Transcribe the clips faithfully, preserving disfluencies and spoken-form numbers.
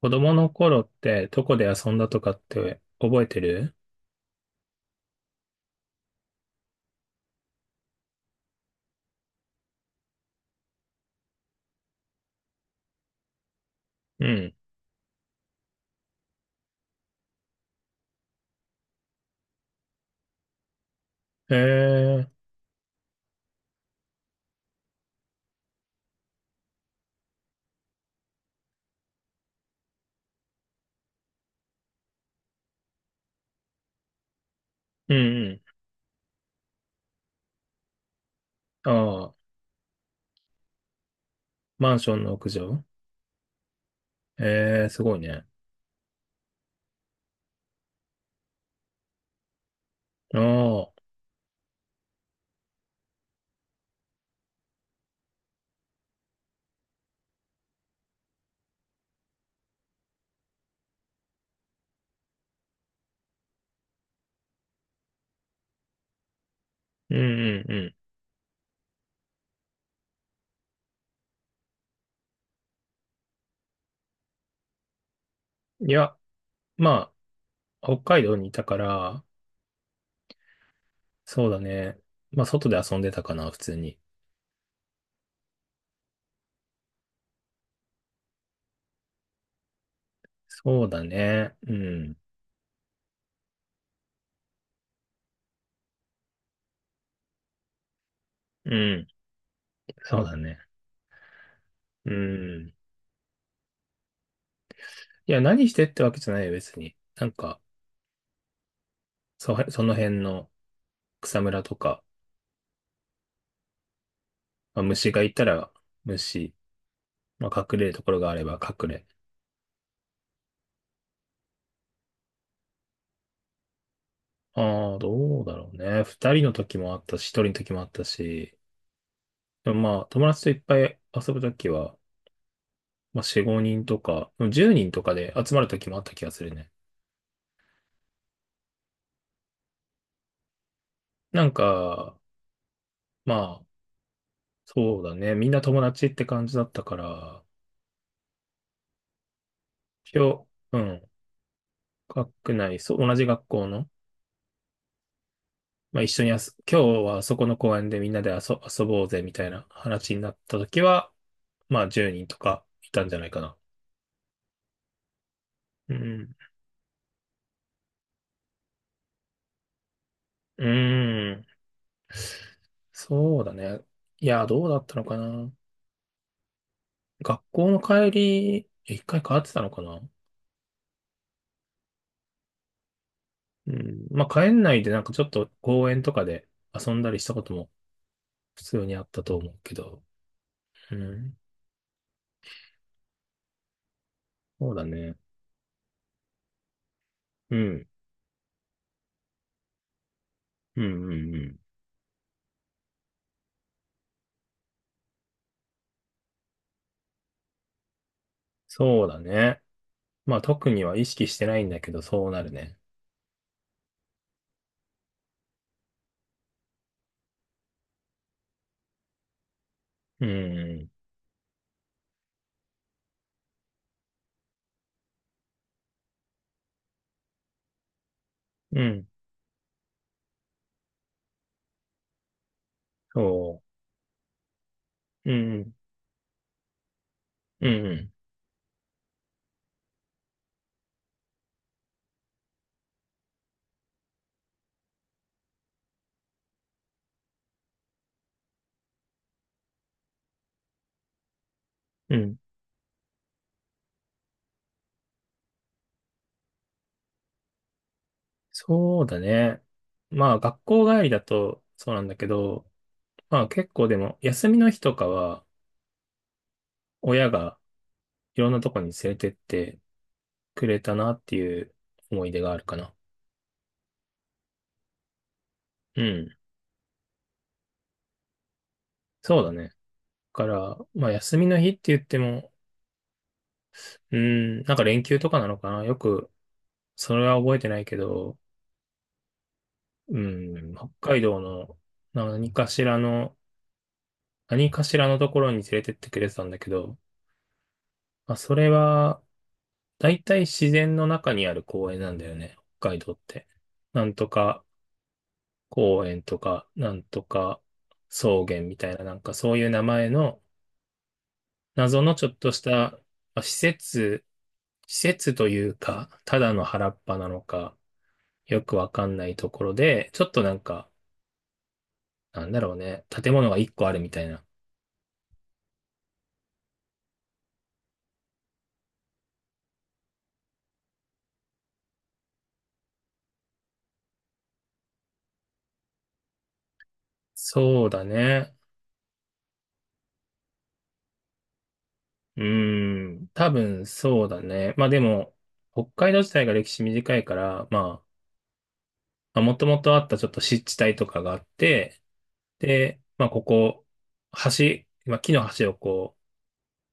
子供の頃ってどこで遊んだとかって覚えてる？うん。えー。うんうん。ああ、マンションの屋上。えー、すごいね。ああ、うんうんうん。いや、まあ、北海道にいたから、そうだね。まあ、外で遊んでたかな、普通に。そうだね。うん。うん。そうだね。うん。いや、何してってわけじゃないよ、別に。なんか、そ、その辺の草むらとか、まあ、虫がいたら、虫。まあ、隠れるところがあれば隠れ。ああ、どうだろうね。ふたりの時もあったし、一人の時もあったし、でもまあ、友達といっぱい遊ぶ時は、まあ、しごにんとか、でもじゅうにんとかで集まる時もあった気がするね。なんか、まあ、そうだね。みんな友達って感じだったから、今日、うん、学内、そう、同じ学校の、まあ、一緒にあす、今日はそこの公園でみんなで遊、遊ぼうぜみたいな話になった時は、まあ、じゅうにんとかいたんじゃないかな。うん。うーん。そうだね。いや、どうだったのかな。学校の帰り、一回変わってたのかな。うん。まあ、帰んないでなんかちょっと公園とかで遊んだりしたことも普通にあったと思うけど。うん。そうだね。うん。うんうんうん。そうだね。まあ、特には意識してないんだけど、そうなるね。うん。うん。そう。うん。うん。うん。うんそうだね。まあ、学校帰りだとそうなんだけど、まあ結構でも、休みの日とかは、親がいろんなとこに連れてってくれたなっていう思い出があるかな。うん。そうだね。だから、まあ休みの日って言っても、うん、なんか連休とかなのかな。よく、それは覚えてないけど、うん、北海道の何かしらの、何かしらのところに連れてってくれてたんだけど、まあそれは、だいたい自然の中にある公園なんだよね。北海道って。なんとか公園とか、なんとか草原みたいな、なんかそういう名前の謎のちょっとしたまあ施設、施設というか、ただの原っぱなのか、よくわかんないところで、ちょっとなんか、なんだろうね、建物がいっこあるみたいな。そうだね。うーん、多分そうだね。まあでも、北海道自体が歴史短いから、まあ、もともとあったちょっと湿地帯とかがあって、で、まあ、ここ、橋、まあ、木の橋をこ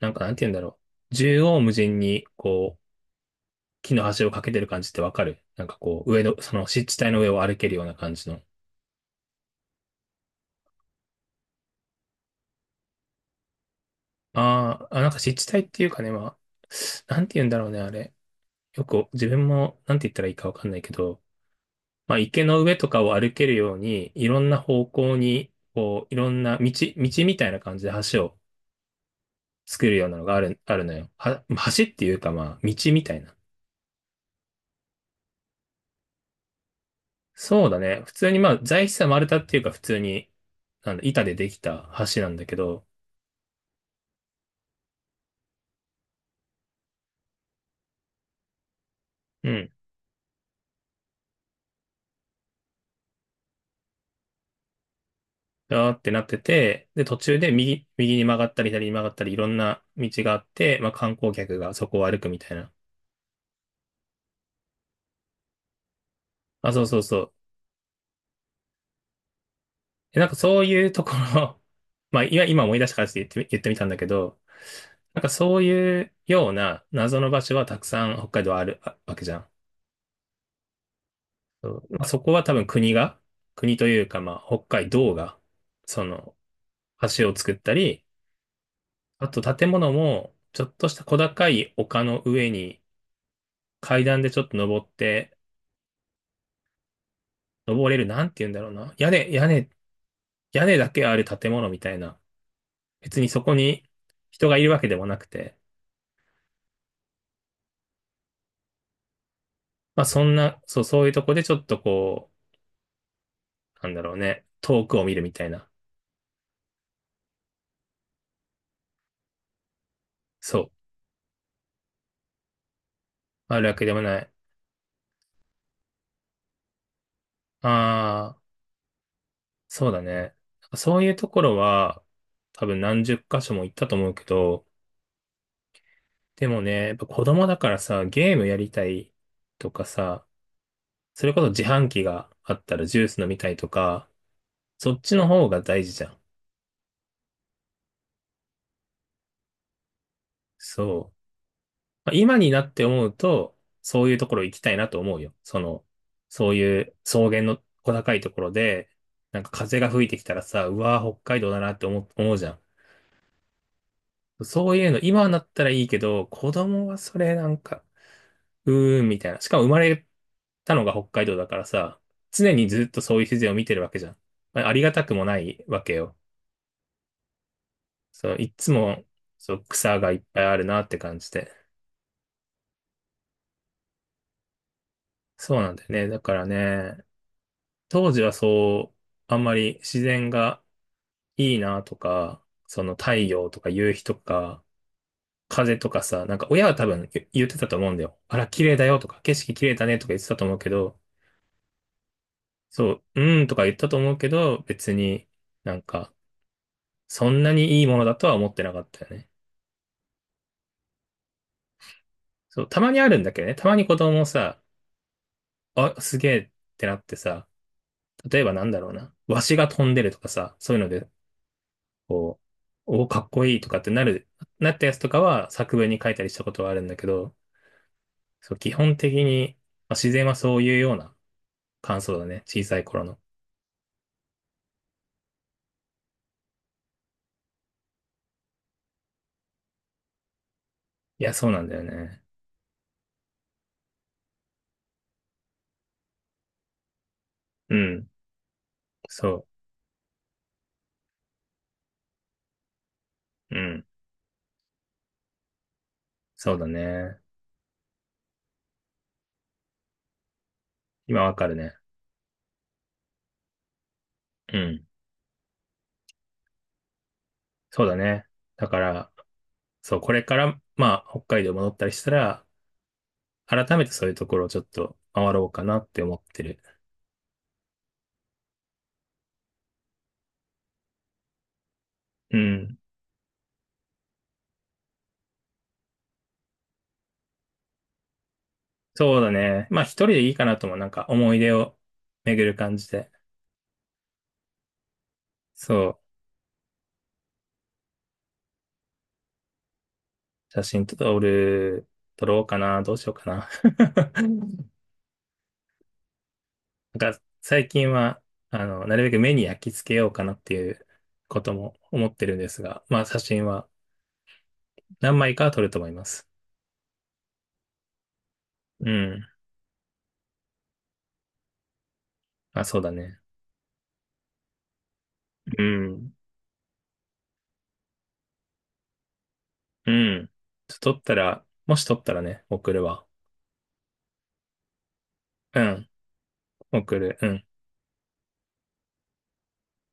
う、なんかなんて言うんだろう。縦横無尽に、こう、木の橋をかけてる感じってわかる、なんかこう、上の、その湿地帯の上を歩けるような感じの。あーあ、なんか湿地帯っていうかね、まあ、なんて言うんだろうね、あれ。よく、自分も、なんて言ったらいいかわかんないけど、まあ、池の上とかを歩けるように、いろんな方向に、こう、いろんな道、道みたいな感じで橋を作るようなのがある、あるのよ。は、橋っていうか、まあ、道みたいな。そうだね。普通にまあ、材質は丸太っていうか普通に、なんだ、板でできた橋なんだけど、うん。だーってなってて、で、途中で右、右に曲がったり左に曲がったりいろんな道があって、まあ観光客がそこを歩くみたいな。あ、そうそうそう。え、なんかそういうところ まあ、いや、今思い出したからちょっと言ってみ、言ってみたんだけど、なんかそういうような謎の場所はたくさん北海道あるあわけじゃん。そうまあ、そこは多分国が、国というかまあ北海道が、その橋を作ったり、あと建物も、ちょっとした小高い丘の上に階段でちょっと登って、登れる、なんて言うんだろうな。屋根、屋根、屋根だけある建物みたいな。別にそこに人がいるわけでもなくて、まあそんな、そう、そういうとこでちょっとこう、なんだろうね、遠くを見るみたいな。そう。あるわけでもない。ああ、そうだね。そういうところは、多分なんじゅっかしょも行ったと思うけど、でもね、やっぱ子供だからさ、ゲームやりたいとかさ、それこそ自販機があったらジュース飲みたいとか、そっちの方が大事じゃん。そう。まあ、今になって思うと、そういうところ行きたいなと思うよ。その、そういう草原の小高いところで、なんか風が吹いてきたらさ、うわー北海道だなって思う、思うじゃん。そういうの今になったらいいけど、子供はそれなんか、うーん、みたいな。しかも生まれたのが北海道だからさ、常にずっとそういう自然を見てるわけじゃん。まあ、ありがたくもないわけよ。そう、いっつも、そう、草がいっぱいあるなって感じで。そうなんだよね。だからね、当時はそう、あんまり自然がいいなとか、その太陽とか夕日とか、風とかさ、なんか親は多分言言ってたと思うんだよ。あら、綺麗だよとか、景色綺麗だねとか言ってたと思うけど、そう、うーんとか言ったと思うけど、別になんか、そんなにいいものだとは思ってなかったよね。そう、たまにあるんだけどね。たまに子供もさ、あ、すげえってなってさ、例えばなんだろうな。わしが飛んでるとかさ、そういうので、こう、お、かっこいいとかってなる、なったやつとかは作文に書いたりしたことはあるんだけど、そう、基本的に、まあ、自然はそういうような感想だね。小さい頃の。いや、そうなんだよね。うん。そう。うん。そうだね。今わかるね。うん。そうだね。だから、そう、これから、まあ、北海道戻ったりしたら、改めてそういうところをちょっと回ろうかなって思ってる。うん。そうだね。まあ、一人でいいかなとも、なんか思い出を巡る感じで。そう、写真撮る、撮ろうかな、どうしようかな。なんか、最近は、あの、なるべく目に焼き付けようかなっていうことも思ってるんですが、まあ、写真はなんまいかは撮ると思います。うん。あ、そうだね。うん。うん。ちょっと取ったら、もし取ったらね、送るわ。うん。送る。うん。